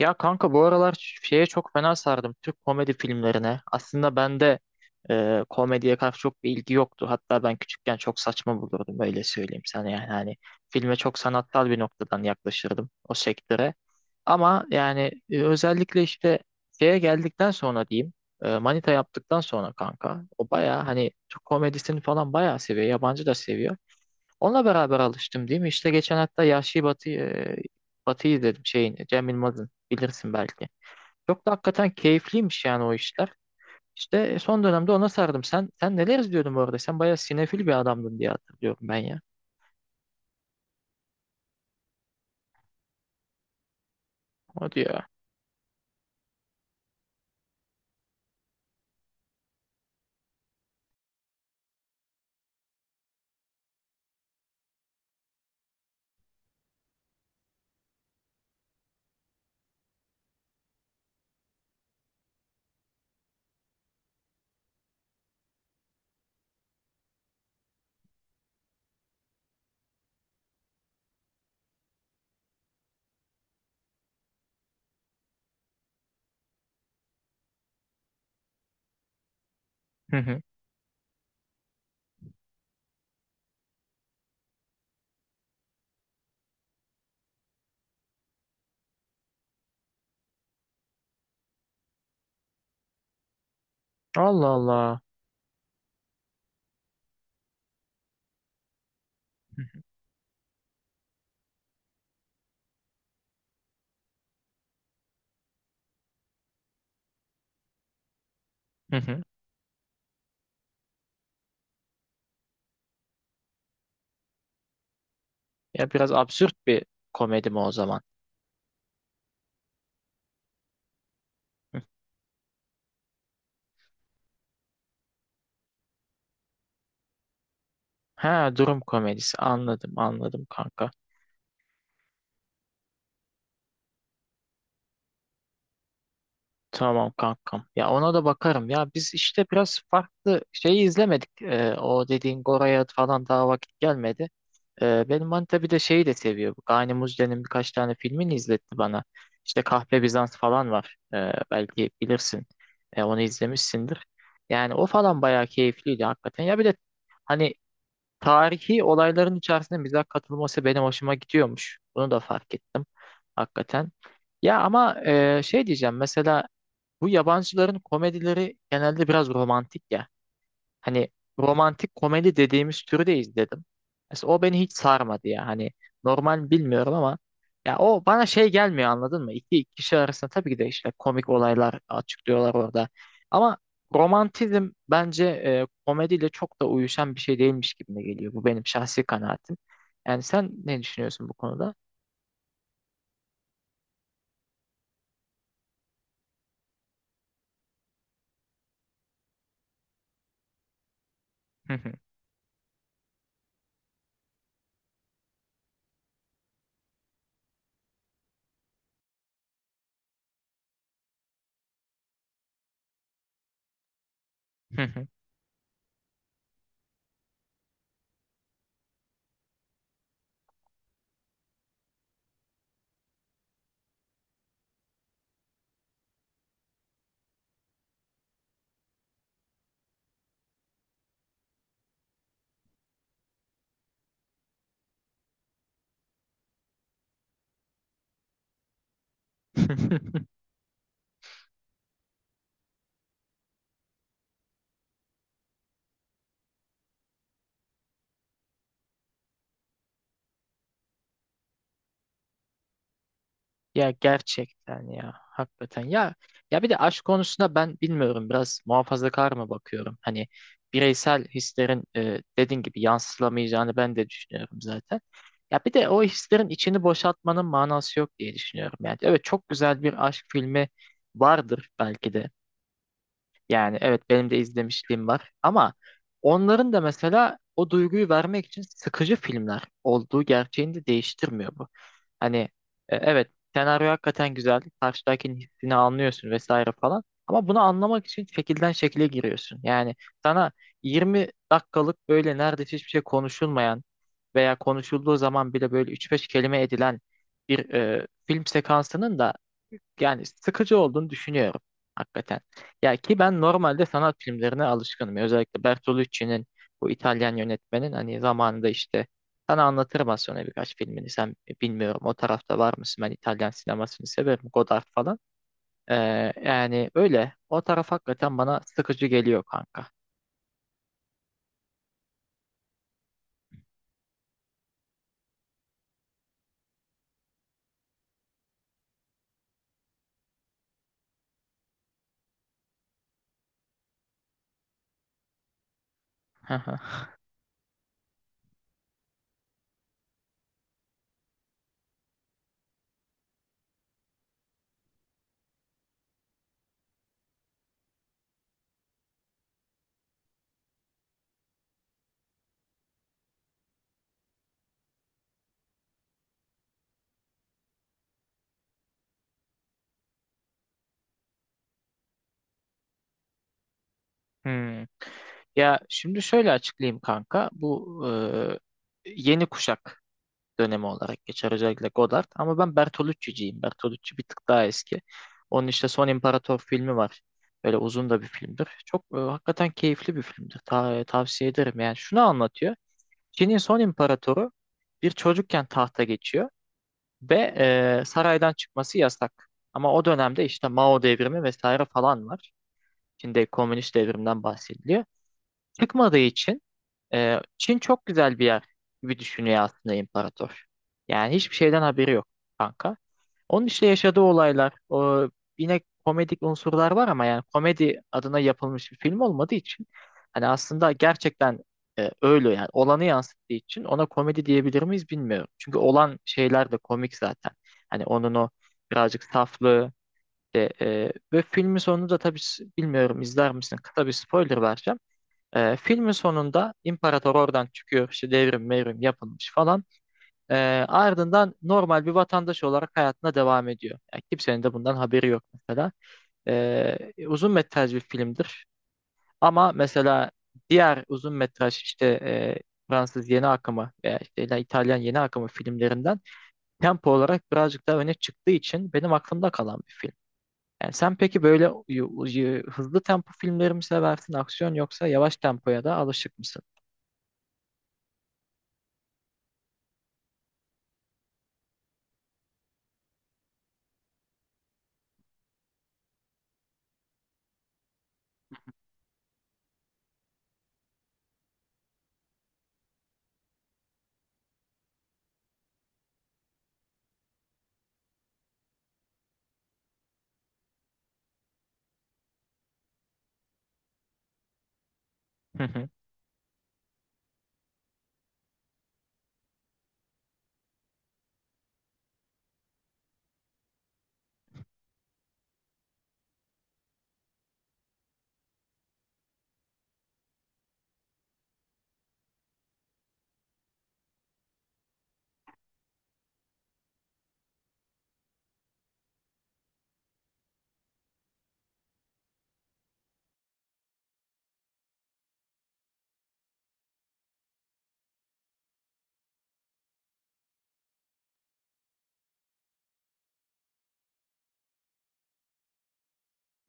Ya kanka bu aralar şeye çok fena sardım Türk komedi filmlerine. Aslında bende komediye karşı çok bir ilgi yoktu. Hatta ben küçükken çok saçma bulurdum öyle söyleyeyim sana yani hani filme çok sanatsal bir noktadan yaklaşırdım o sektöre. Ama yani özellikle işte şeye geldikten sonra diyeyim, Manita yaptıktan sonra kanka o baya hani Türk komedisini falan bayağı seviyor, yabancı da seviyor. Onunla beraber alıştım değil mi? İşte geçen hatta Yahşi Batı, Batı'yı izledim şeyini. Cem Yılmaz'ın, bilirsin belki. Çok da hakikaten keyifliymiş yani o işler. İşte, son dönemde ona sardım. Sen neler izliyordun bu arada? Sen bayağı sinefil bir adamdın diye hatırlıyorum ben ya. Hadi ya. Hı hı. Allah Allah. Hı hı. Ya biraz absürt bir komedi mi o zaman? Ha, durum komedisi, anladım anladım kanka. Tamam kankam. Ya ona da bakarım. Ya biz işte biraz farklı şeyi izlemedik. O dediğin Gora'ya falan daha vakit gelmedi. Benim manita bir de şeyi de seviyor. Bu Gani Muzde'nin birkaç tane filmini izletti bana. İşte Kahpe Bizans falan var. Belki bilirsin. Onu izlemişsindir. Yani o falan bayağı keyifliydi hakikaten. Ya bir de hani tarihi olayların içerisinde mizah katılması benim hoşuma gidiyormuş. Bunu da fark ettim hakikaten. Ya ama şey diyeceğim, mesela bu yabancıların komedileri genelde biraz romantik ya. Hani romantik komedi dediğimiz türü de izledim. Mesela o beni hiç sarmadı ya. Hani normal bilmiyorum ama ya o bana şey gelmiyor, anladın mı? İki kişi arasında tabii ki de işte komik olaylar açıklıyorlar orada. Ama romantizm bence komediyle çok da uyuşan bir şey değilmiş gibime geliyor. Bu benim şahsi kanaatim. Yani sen ne düşünüyorsun bu konuda? Ya gerçekten ya, hakikaten ya, ya bir de aşk konusunda ben bilmiyorum biraz muhafazakar mı bakıyorum, hani bireysel hislerin, dediğin gibi yansılamayacağını ben de düşünüyorum zaten. Ya bir de o hislerin içini boşaltmanın manası yok diye düşünüyorum. Yani evet, çok güzel bir aşk filmi vardır belki de, yani evet benim de izlemişliğim var ama onların da mesela o duyguyu vermek için sıkıcı filmler olduğu gerçeğini de değiştirmiyor bu. Hani evet senaryo hakikaten güzel, karşıdakinin hissini anlıyorsun vesaire falan, ama bunu anlamak için şekilden şekile giriyorsun. Yani sana 20 dakikalık böyle neredeyse hiçbir şey konuşulmayan veya konuşulduğu zaman bile böyle üç beş kelime edilen bir film sekansının da yani sıkıcı olduğunu düşünüyorum hakikaten. Ya ki ben normalde sanat filmlerine alışkınım. Özellikle Bertolucci'nin, bu İtalyan yönetmenin, hani zamanında işte sana anlatırım az sonra birkaç filmini. Sen bilmiyorum o tarafta var mısın? Ben İtalyan sinemasını severim. Godard falan. Ee, yani öyle. O taraf hakikaten bana sıkıcı geliyor kanka. Hmm. Ya şimdi şöyle açıklayayım kanka. Bu yeni kuşak dönemi olarak geçer özellikle Godard. Ama ben Bertolucci'ciyim. Bertolucci bir tık daha eski. Onun işte Son İmparator filmi var. Böyle uzun da bir filmdir. Çok hakikaten keyifli bir filmdir. Tavsiye ederim. Yani şunu anlatıyor. Çin'in son imparatoru bir çocukken tahta geçiyor ve saraydan çıkması yasak. Ama o dönemde işte Mao devrimi vesaire falan var. Çin'de komünist devrimden bahsediliyor. Çıkmadığı için Çin çok güzel bir yer gibi düşünüyor aslında imparator. Yani hiçbir şeyden haberi yok kanka. Onun işte yaşadığı olaylar, o yine komedik unsurlar var ama yani komedi adına yapılmış bir film olmadığı için hani aslında gerçekten öyle yani olanı yansıttığı için ona komedi diyebilir miyiz bilmiyorum. Çünkü olan şeyler de komik zaten. Hani onun o birazcık saflığı de, ve filmin sonunu da tabii bilmiyorum izler misin? Kısa bir spoiler vereceğim. Filmin sonunda imparator oradan çıkıyor işte devrim mevrim yapılmış falan. Ee, ardından normal bir vatandaş olarak hayatına devam ediyor. Yani kimsenin de bundan haberi yok mesela. Ee, uzun metraj bir filmdir. Ama mesela diğer uzun metraj işte Fransız yeni akımı veya işte İtalyan yeni akımı filmlerinden tempo olarak birazcık daha öne çıktığı için benim aklımda kalan bir film. Yani sen peki böyle hızlı tempo filmleri mi seversin, aksiyon, yoksa yavaş tempoya da alışık mısın?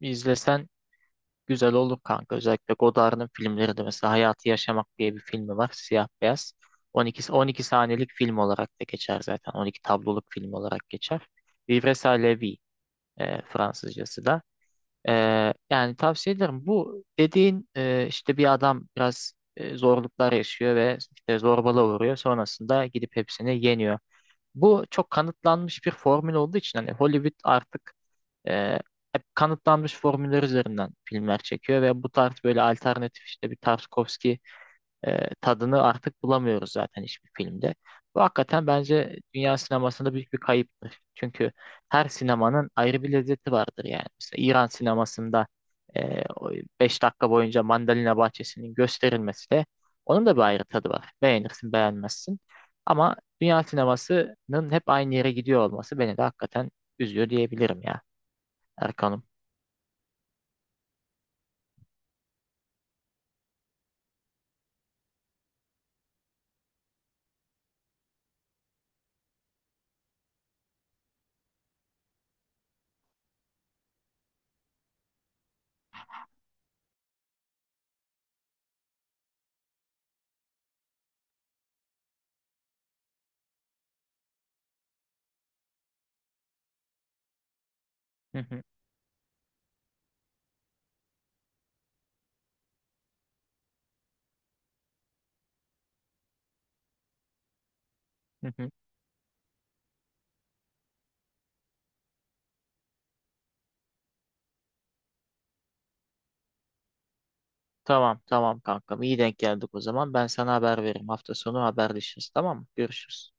Bir izlesen güzel olur kanka. Özellikle Godard'ın filmleri de, mesela Hayatı Yaşamak diye bir filmi var. Siyah beyaz. 12 saniyelik film olarak da geçer zaten. 12 tabloluk film olarak geçer. Vivre sa la vie, Fransızcası da. E, yani tavsiye ederim. Bu dediğin işte bir adam biraz zorluklar yaşıyor ve işte zorbalığa uğruyor. Sonrasında gidip hepsini yeniyor. Bu çok kanıtlanmış bir formül olduğu için hani Hollywood artık e, hep kanıtlanmış formüller üzerinden filmler çekiyor ve bu tarz böyle alternatif, işte bir Tarkovski tadını artık bulamıyoruz zaten hiçbir filmde. Bu hakikaten bence dünya sinemasında büyük bir kayıptır. Çünkü her sinemanın ayrı bir lezzeti vardır yani. Mesela İran sinemasında 5 dakika boyunca mandalina bahçesinin gösterilmesi de, onun da bir ayrı tadı var. Beğenirsin, beğenmezsin. Ama dünya sinemasının hep aynı yere gidiyor olması beni de hakikaten üzüyor diyebilirim ya. Erkan'ım. Hı hı, hı hı. Tamam tamam kankam. İyi denk geldik o zaman. Ben sana haber veririm. Hafta sonu haberleşiriz, tamam mı? Görüşürüz.